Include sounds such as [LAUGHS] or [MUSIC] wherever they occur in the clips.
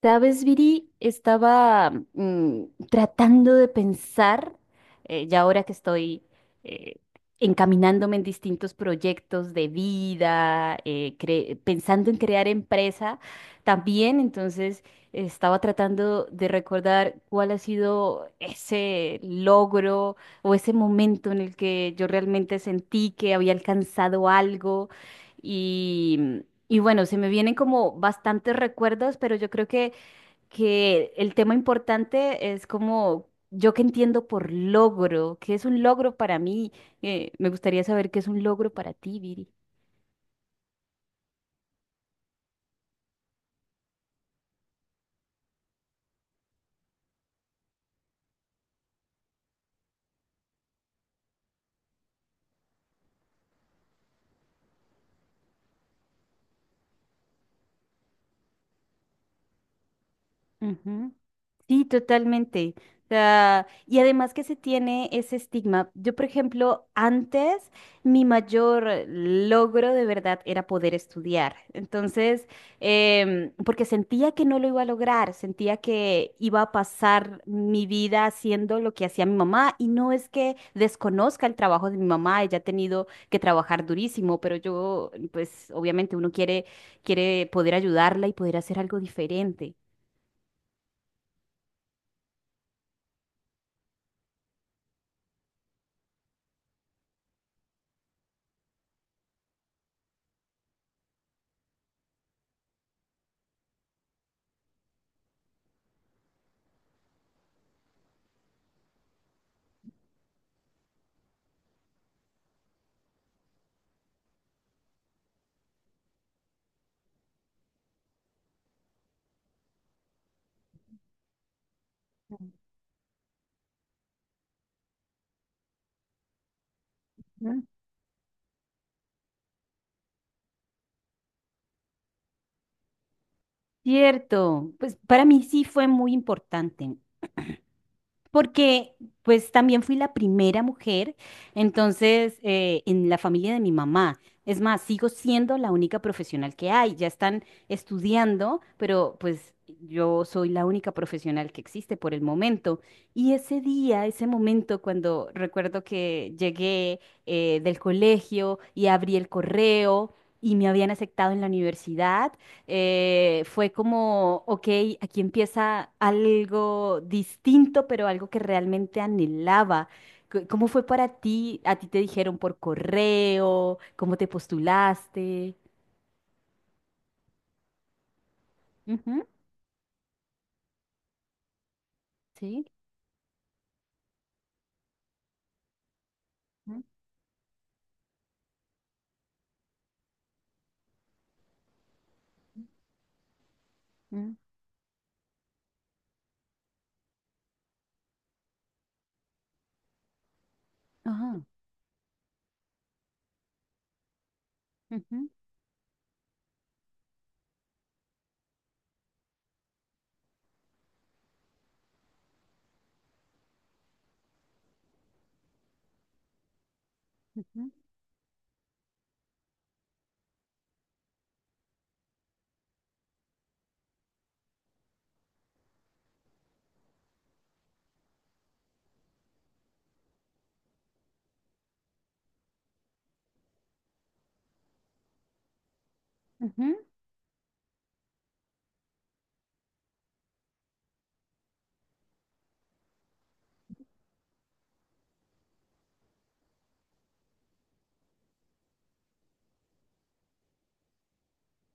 Sabes, Viri, estaba tratando de pensar, ya ahora que estoy eh, encaminándome en distintos proyectos de vida, pensando en crear empresa también. Entonces estaba tratando de recordar cuál ha sido ese logro o ese momento en el que yo realmente sentí que había alcanzado algo y... Y bueno, se me vienen como bastantes recuerdos, pero yo creo que el tema importante es como yo que entiendo por logro, qué es un logro para mí. Me gustaría saber qué es un logro para ti, Viri. Ujú. Sí, totalmente. O sea, y además que se tiene ese estigma. Yo, por ejemplo, antes mi mayor logro de verdad era poder estudiar. Entonces, porque sentía que no lo iba a lograr, sentía que iba a pasar mi vida haciendo lo que hacía mi mamá. Y no es que desconozca el trabajo de mi mamá, ella ha tenido que trabajar durísimo, pero yo, pues obviamente uno quiere, quiere poder ayudarla y poder hacer algo diferente. Mm. Cierto, pues para mí sí fue muy importante, porque pues también fui la primera mujer, entonces en la familia de mi mamá. Es más, sigo siendo la única profesional que hay, ya están estudiando, pero pues yo soy la única profesional que existe por el momento. Y ese día, ese momento, cuando recuerdo que llegué del colegio y abrí el correo y me habían aceptado en la universidad. Fue como, ok, aquí empieza algo distinto, pero algo que realmente anhelaba. ¿Cómo fue para ti? ¿A ti te dijeron por correo? ¿Cómo te postulaste? Ujú. Sí. Ujú. Ujú. Ajá. Ujú. Ujú. Ujú.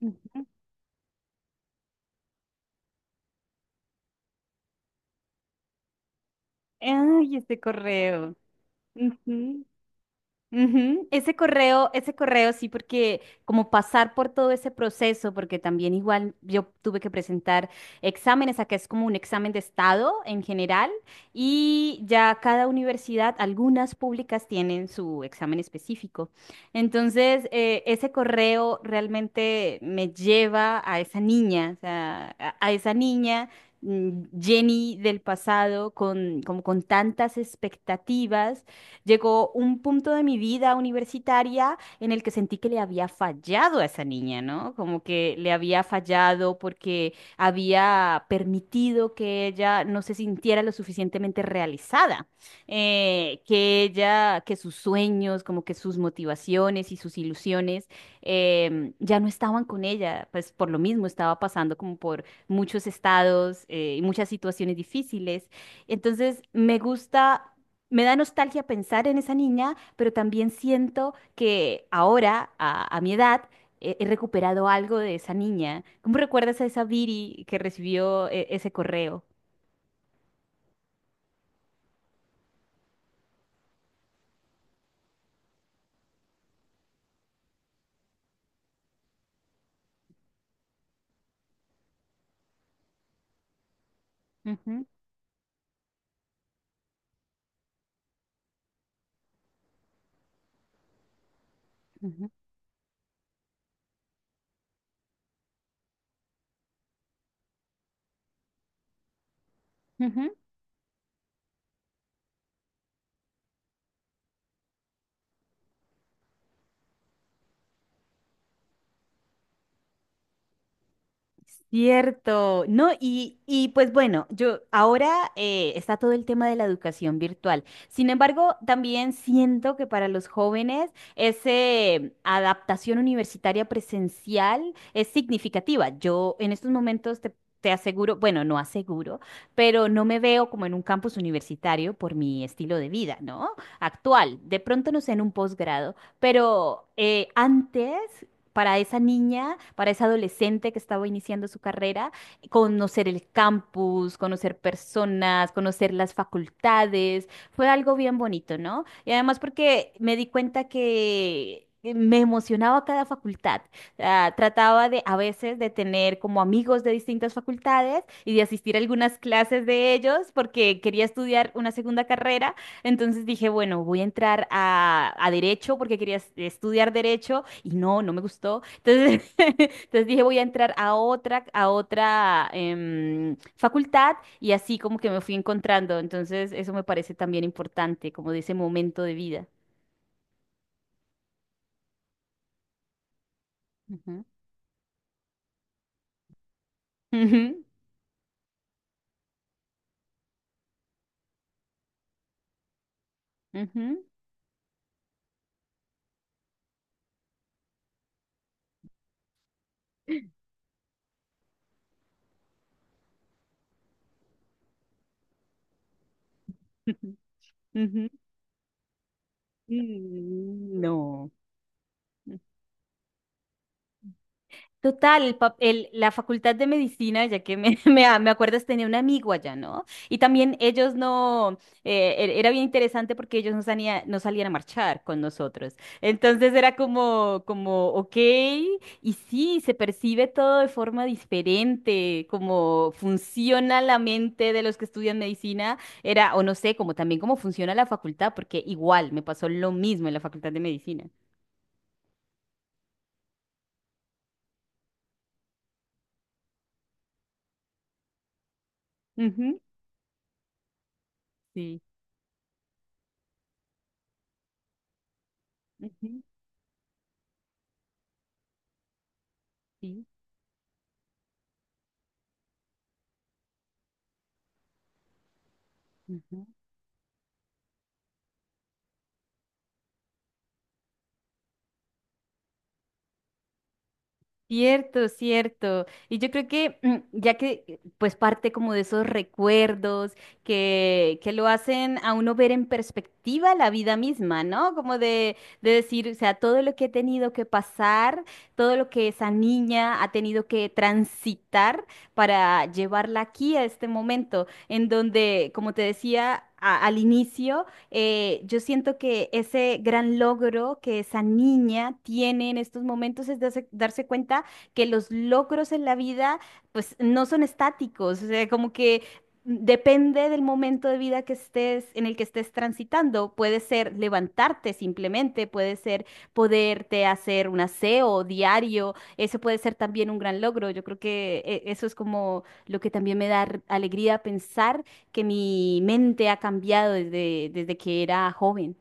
Ujú. Ay, este correo. Ujú. Ese correo sí, porque como pasar por todo ese proceso, porque también igual yo tuve que presentar exámenes, acá es como un examen de estado en general, y ya cada universidad, algunas públicas tienen su examen específico. Entonces, ese correo realmente me lleva a esa niña, o sea, a esa niña. mm, Jenny del pasado con, como con tantas expectativas. Llegó un punto de mi vida universitaria en el que sentí que le había fallado a esa niña, ¿no? Como que le había fallado porque había permitido que ella no se sintiera lo suficientemente realizada, que ella, que sus sueños, como que sus motivaciones y sus ilusiones ya no estaban con ella, pues por lo mismo estaba pasando como por muchos estados y muchas situaciones difíciles. Entonces, me da nostalgia pensar en esa niña, pero también siento que ahora, a mi edad, he recuperado algo de esa niña. ¿Cómo recuerdas a esa Viri que recibió ese correo? Ujú. Ujú. Ujú. Cierto, no, y pues bueno, yo ahora está todo el tema de la educación virtual. Sin embargo, también siento que para los jóvenes esa adaptación universitaria presencial es significativa. Yo en estos momentos te aseguro, bueno, no aseguro, pero no me veo como en un campus universitario por mi estilo de vida, ¿no? Actual, de pronto no sé en un posgrado, pero antes para esa niña, para esa adolescente que estaba iniciando su carrera, conocer el campus, conocer personas, conocer las facultades, fue algo bien bonito, ¿no? Y además porque me di cuenta que... Me emocionaba cada facultad. Ah, trataba de a veces de tener como amigos de distintas facultades y de asistir a algunas clases de ellos porque quería estudiar una segunda carrera. Entonces dije, bueno, voy a entrar a derecho porque quería estudiar derecho y no, no me gustó. Entonces, [LAUGHS] entonces dije, voy a entrar a otra facultad y así como que me fui encontrando. Entonces, eso me parece también importante, como de ese momento de vida. Ujú. Ujú. Ujú. [LAUGHS] Ujú. Mm. No. Total, la facultad de medicina, ya que me, [LAUGHS] me acuerdas, tenía un amigo allá, ¿no? Y también ellos no, era bien interesante porque ellos no salían a marchar con nosotros. Entonces era como, como, ok, y sí, se percibe todo de forma diferente, como funciona la mente de los que estudian medicina, era, o no sé, como también cómo funciona la facultad, porque igual me pasó lo mismo en la facultad de medicina. Ujú. Sí. Ujú. Sí. Ujú. Cierto, cierto. Y yo creo que ya que pues parte como de esos recuerdos que lo hacen a uno ver en perspectiva la vida misma, ¿no? Como de decir, o sea, todo lo que he tenido que pasar, todo lo que esa niña ha tenido que transitar para llevarla aquí a este momento, en donde, como te decía al inicio, yo siento que ese gran logro que esa niña tiene en estos momentos es darse, darse cuenta que los logros en la vida pues no son estáticos, o sea, como que depende del momento de vida que estés, en el que estés transitando. Puede ser levantarte simplemente, puede ser poderte hacer un aseo diario, eso puede ser también un gran logro. Yo creo que eso es como lo que también me da alegría pensar que mi mente ha cambiado desde, desde que era joven.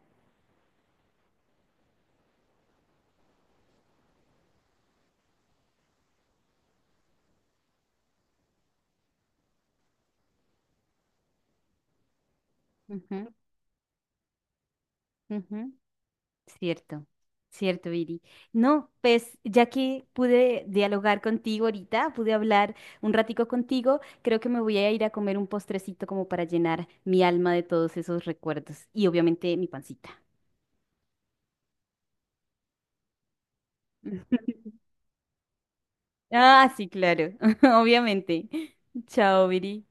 Ujú. Ujú. Cierto, cierto, Viri. No, pues ya que pude dialogar contigo ahorita, pude hablar un ratico contigo, creo que me voy a ir a comer un postrecito como para llenar mi alma de todos esos recuerdos y obviamente mi pancita. [LAUGHS] Ah, sí, claro, [LAUGHS] obviamente. Chao, Viri.